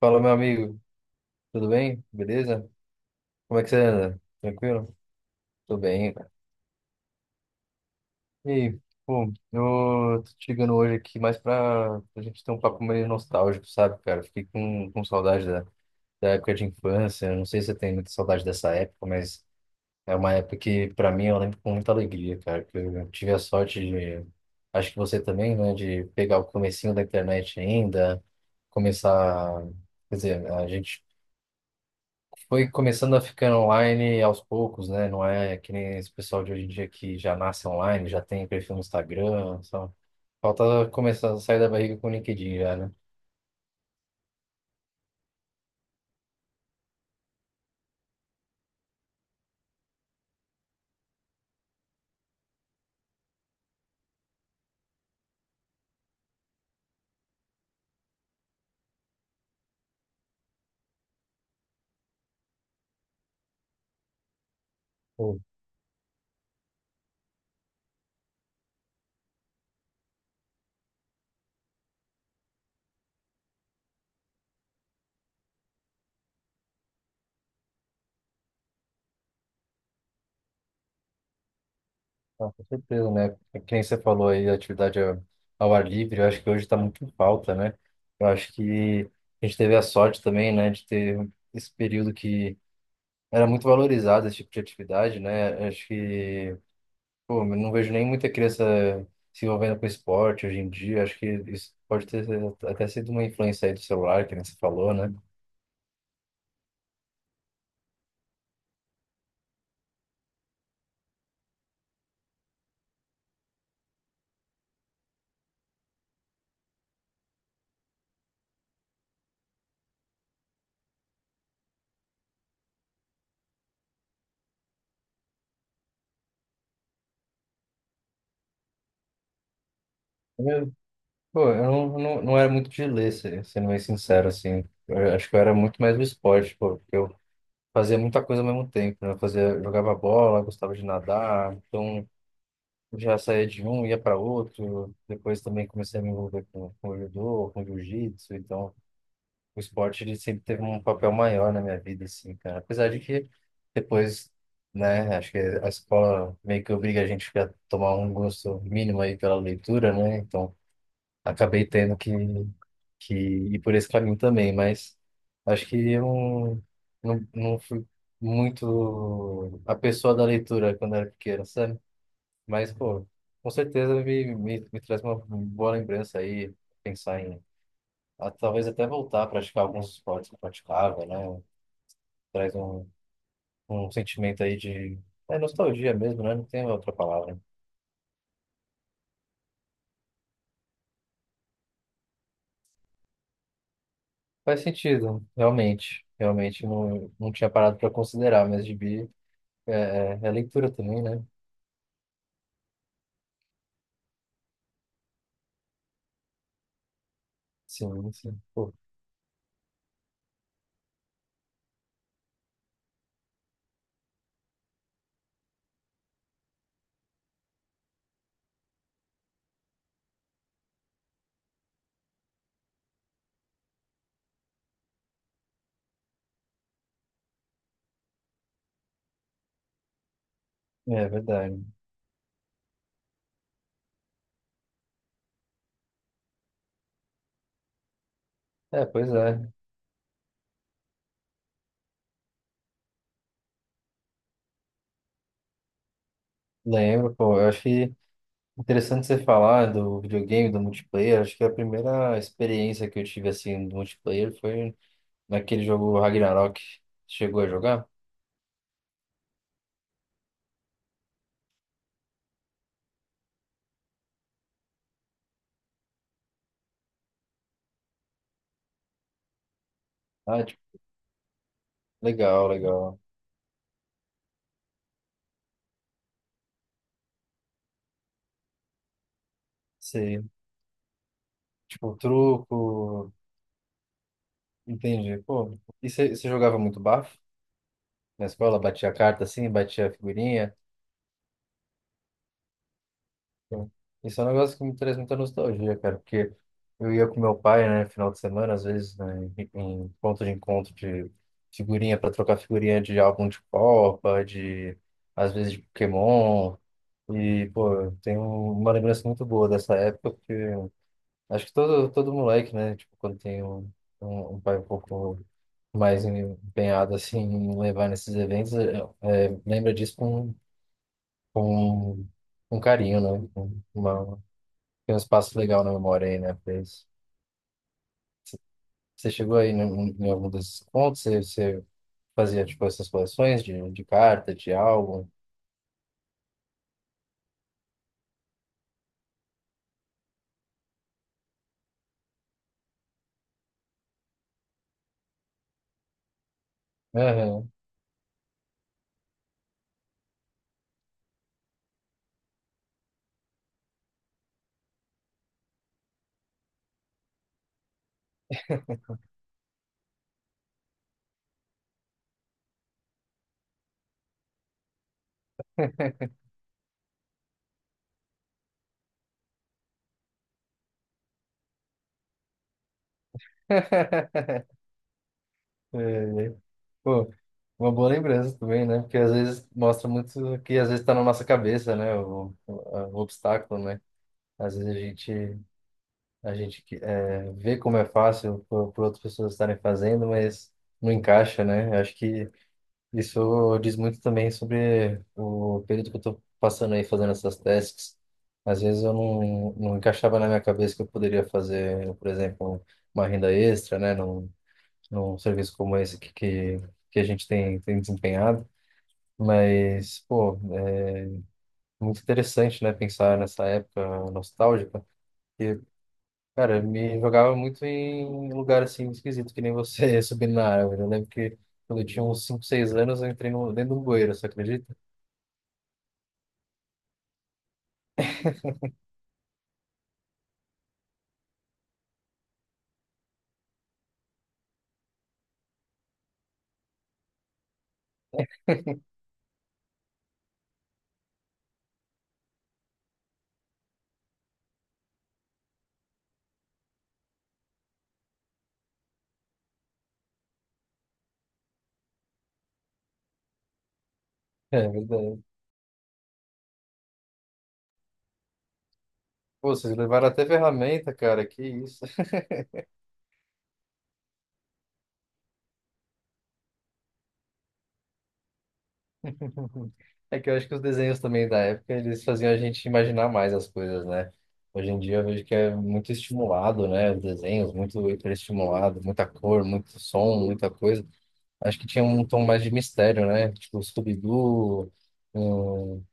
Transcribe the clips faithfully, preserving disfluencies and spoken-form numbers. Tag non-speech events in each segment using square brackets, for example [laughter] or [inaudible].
Fala, meu amigo. Tudo bem? Beleza? Como é que você anda? Tranquilo? Tô bem, cara. E aí, pô, eu tô te ligando hoje aqui mais pra, pra gente ter um papo meio nostálgico, sabe, cara? Fiquei com, com saudade da, da época de infância. Não sei se você tem muita saudade dessa época, mas é uma época que, pra mim, eu lembro com muita alegria, cara. Que eu tive a sorte de, acho que você também, né, de pegar o comecinho da internet ainda, começar. Quer dizer, a gente foi começando a ficar online aos poucos, né? Não é que nem esse pessoal de hoje em dia que já nasce online, já tem perfil no Instagram, só. Falta começar a sair da barriga com o LinkedIn já, né? Pô, tá, com certeza, né? É que nem você falou aí, atividade ao, ao ar livre, eu acho que hoje está muito em falta, né? Eu acho que a gente teve a sorte também, né, de ter esse período que era muito valorizado esse tipo de atividade, né? Eu Acho que Pô, eu não vejo nem muita criança se envolvendo com esporte hoje em dia. Acho que isso pode ter até sido uma influência aí do celular, que nem você falou, né? Eu, pô, eu não, não, não era muito de ler, se- sendo bem sincero, assim. Eu acho que eu era muito mais do esporte, pô, porque eu fazia muita coisa ao mesmo tempo, né? Eu fazia, jogava bola, gostava de nadar, então eu já saía de um, ia para outro. Depois também comecei a me envolver com, com judô, com jiu-jitsu, então. O esporte ele sempre teve um papel maior na minha vida, assim, cara. Apesar de que depois, né, acho que a escola meio que obriga a gente a tomar um gosto mínimo aí pela leitura, né? Então, acabei tendo que, que ir por esse caminho também, mas acho que eu não, não, não fui muito a pessoa da leitura quando era pequeno, sabe? Mas, pô, com certeza me, me, me traz uma boa lembrança aí, pensar em ah, talvez até voltar a praticar alguns esportes que praticava, né? Traz um, um sentimento aí de é, nostalgia mesmo, né? Não tem outra palavra. Faz sentido, realmente. Realmente não, não tinha parado para considerar, mas gibi é, é, é leitura também, né? Sim, sim. Pô, é verdade. É, pois é. Lembro, pô. Eu acho que interessante você falar do videogame, do multiplayer. Acho que a primeira experiência que eu tive assim do multiplayer foi naquele jogo Ragnarok. Chegou a jogar? Ah, legal, legal. Sei. Tipo, truco. Entendi. Pô, e você jogava muito bafo na escola? Batia a carta assim, batia a figurinha? Pô, isso é um negócio que me traz muita nostalgia, cara, porque eu ia com meu pai, né, final de semana, às vezes, né, em em ponto de encontro de figurinha, para trocar figurinha de álbum de Copa, de, às vezes, de Pokémon. E, pô, eu tenho uma lembrança muito boa dessa época. Acho que todo, todo moleque, né? Tipo, quando tem um, um, um pai um pouco mais empenhado, assim, em levar nesses eventos, é, é, lembra disso com, com, com carinho, né? Com uma, tem um espaço legal na memória aí, né? Pra isso. Você chegou aí em, em algum desses pontos? Você, você fazia, tipo, essas coleções de, de carta, de álbum? Aham. [laughs] É, é. Pô, uma boa lembrança também, né? Porque às vezes mostra muito que às vezes está na nossa cabeça, né? O, o, a- o obstáculo, né? Às vezes a gente, a gente que- é, vê como é fácil para outras pessoas estarem fazendo, mas não encaixa, né? Acho que isso diz muito também sobre o período que eu estou passando aí fazendo essas tasks. Às vezes eu não, não encaixava na minha cabeça que eu poderia fazer, por exemplo, uma renda extra, né? num serviço como esse que, que, que a gente tem, tem desempenhado. Mas, pô, é muito interessante, né, pensar nessa época nostálgica. E, cara, me jogava muito em lugar, assim, esquisito, que nem você, [laughs] subindo na árvore. Eu lembro que quando eu tinha uns cinco seis anos, eu entrei no, dentro de um bueiro, você acredita? [laughs] É verdade. Pô, vocês levaram até ferramenta, cara, que isso. Uhum. É que eu acho que os desenhos também da época, eles faziam a gente imaginar mais as coisas, né? Hoje em dia eu vejo que é muito estimulado, né? Os desenhos, muito hiperestimulado, muita cor, muito som, muita coisa. Acho que tinha um tom mais de mistério, né? Tipo Scooby-Doo, hum,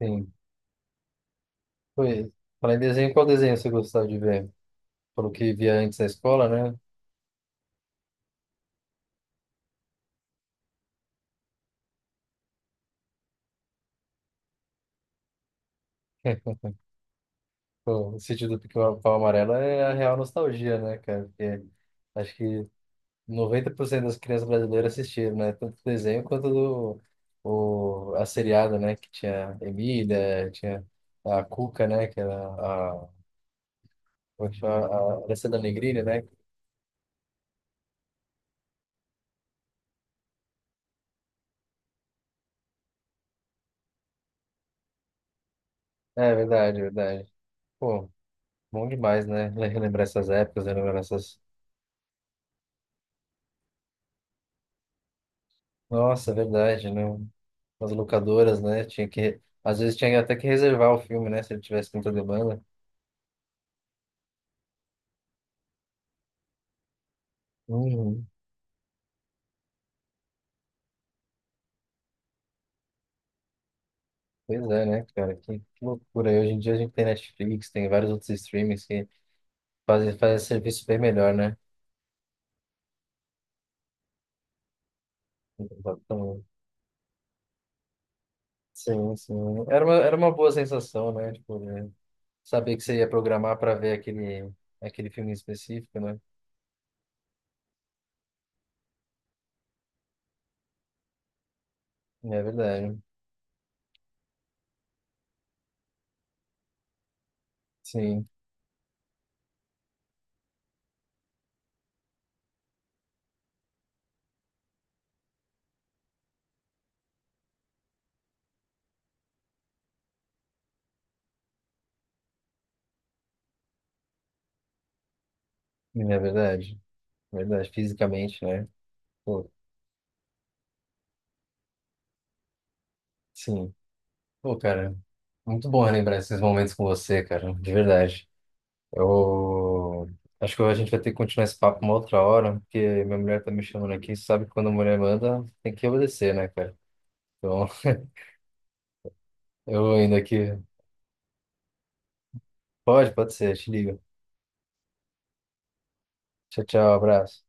enfim. Foi. Falar em desenho, qual desenho você gostava de ver? Pelo que via antes na escola, né? [laughs] Pô, o sítio do Pica-Pau Amarelo é a real nostalgia, né, cara? Porque acho que noventa por cento das crianças brasileiras assistiram, né? Tanto o desenho quanto do, o, a seriada, né? Que tinha Emília, tinha a Cuca, né? Que era a, como é que chama? A Alessandra Negrini, né? É verdade, verdade. Pô, bom demais, né? [laughs] Le- Relembrar essas épocas, relembrar essas. Nossa, é verdade, né? As locadoras, né? Tinha que... Às vezes tinha até que reservar o filme, né? Se ele tivesse muita demanda. Uhum. Pois é, né, cara? Que, que loucura. E hoje em dia a gente tem Netflix, tem vários outros streamings que Fazer, fazer serviço bem melhor, né? Então, sim, sim. Era uma, era uma boa sensação, né? Tipo, né? Saber que você ia programar para ver aquele, aquele filme específico, né? É verdade. Sim, é verdade. É verdade, fisicamente, né? Pô, sim. Pô, cara, muito bom lembrar esses momentos com você, cara, de verdade. Eu acho que a gente vai ter que continuar esse papo uma outra hora, porque minha mulher tá me chamando aqui, sabe que quando a mulher manda, tem que obedecer, né, cara? Então, [laughs] eu indo aqui. Pode, pode ser. Te ligo. Tchau, tchau. Abraço.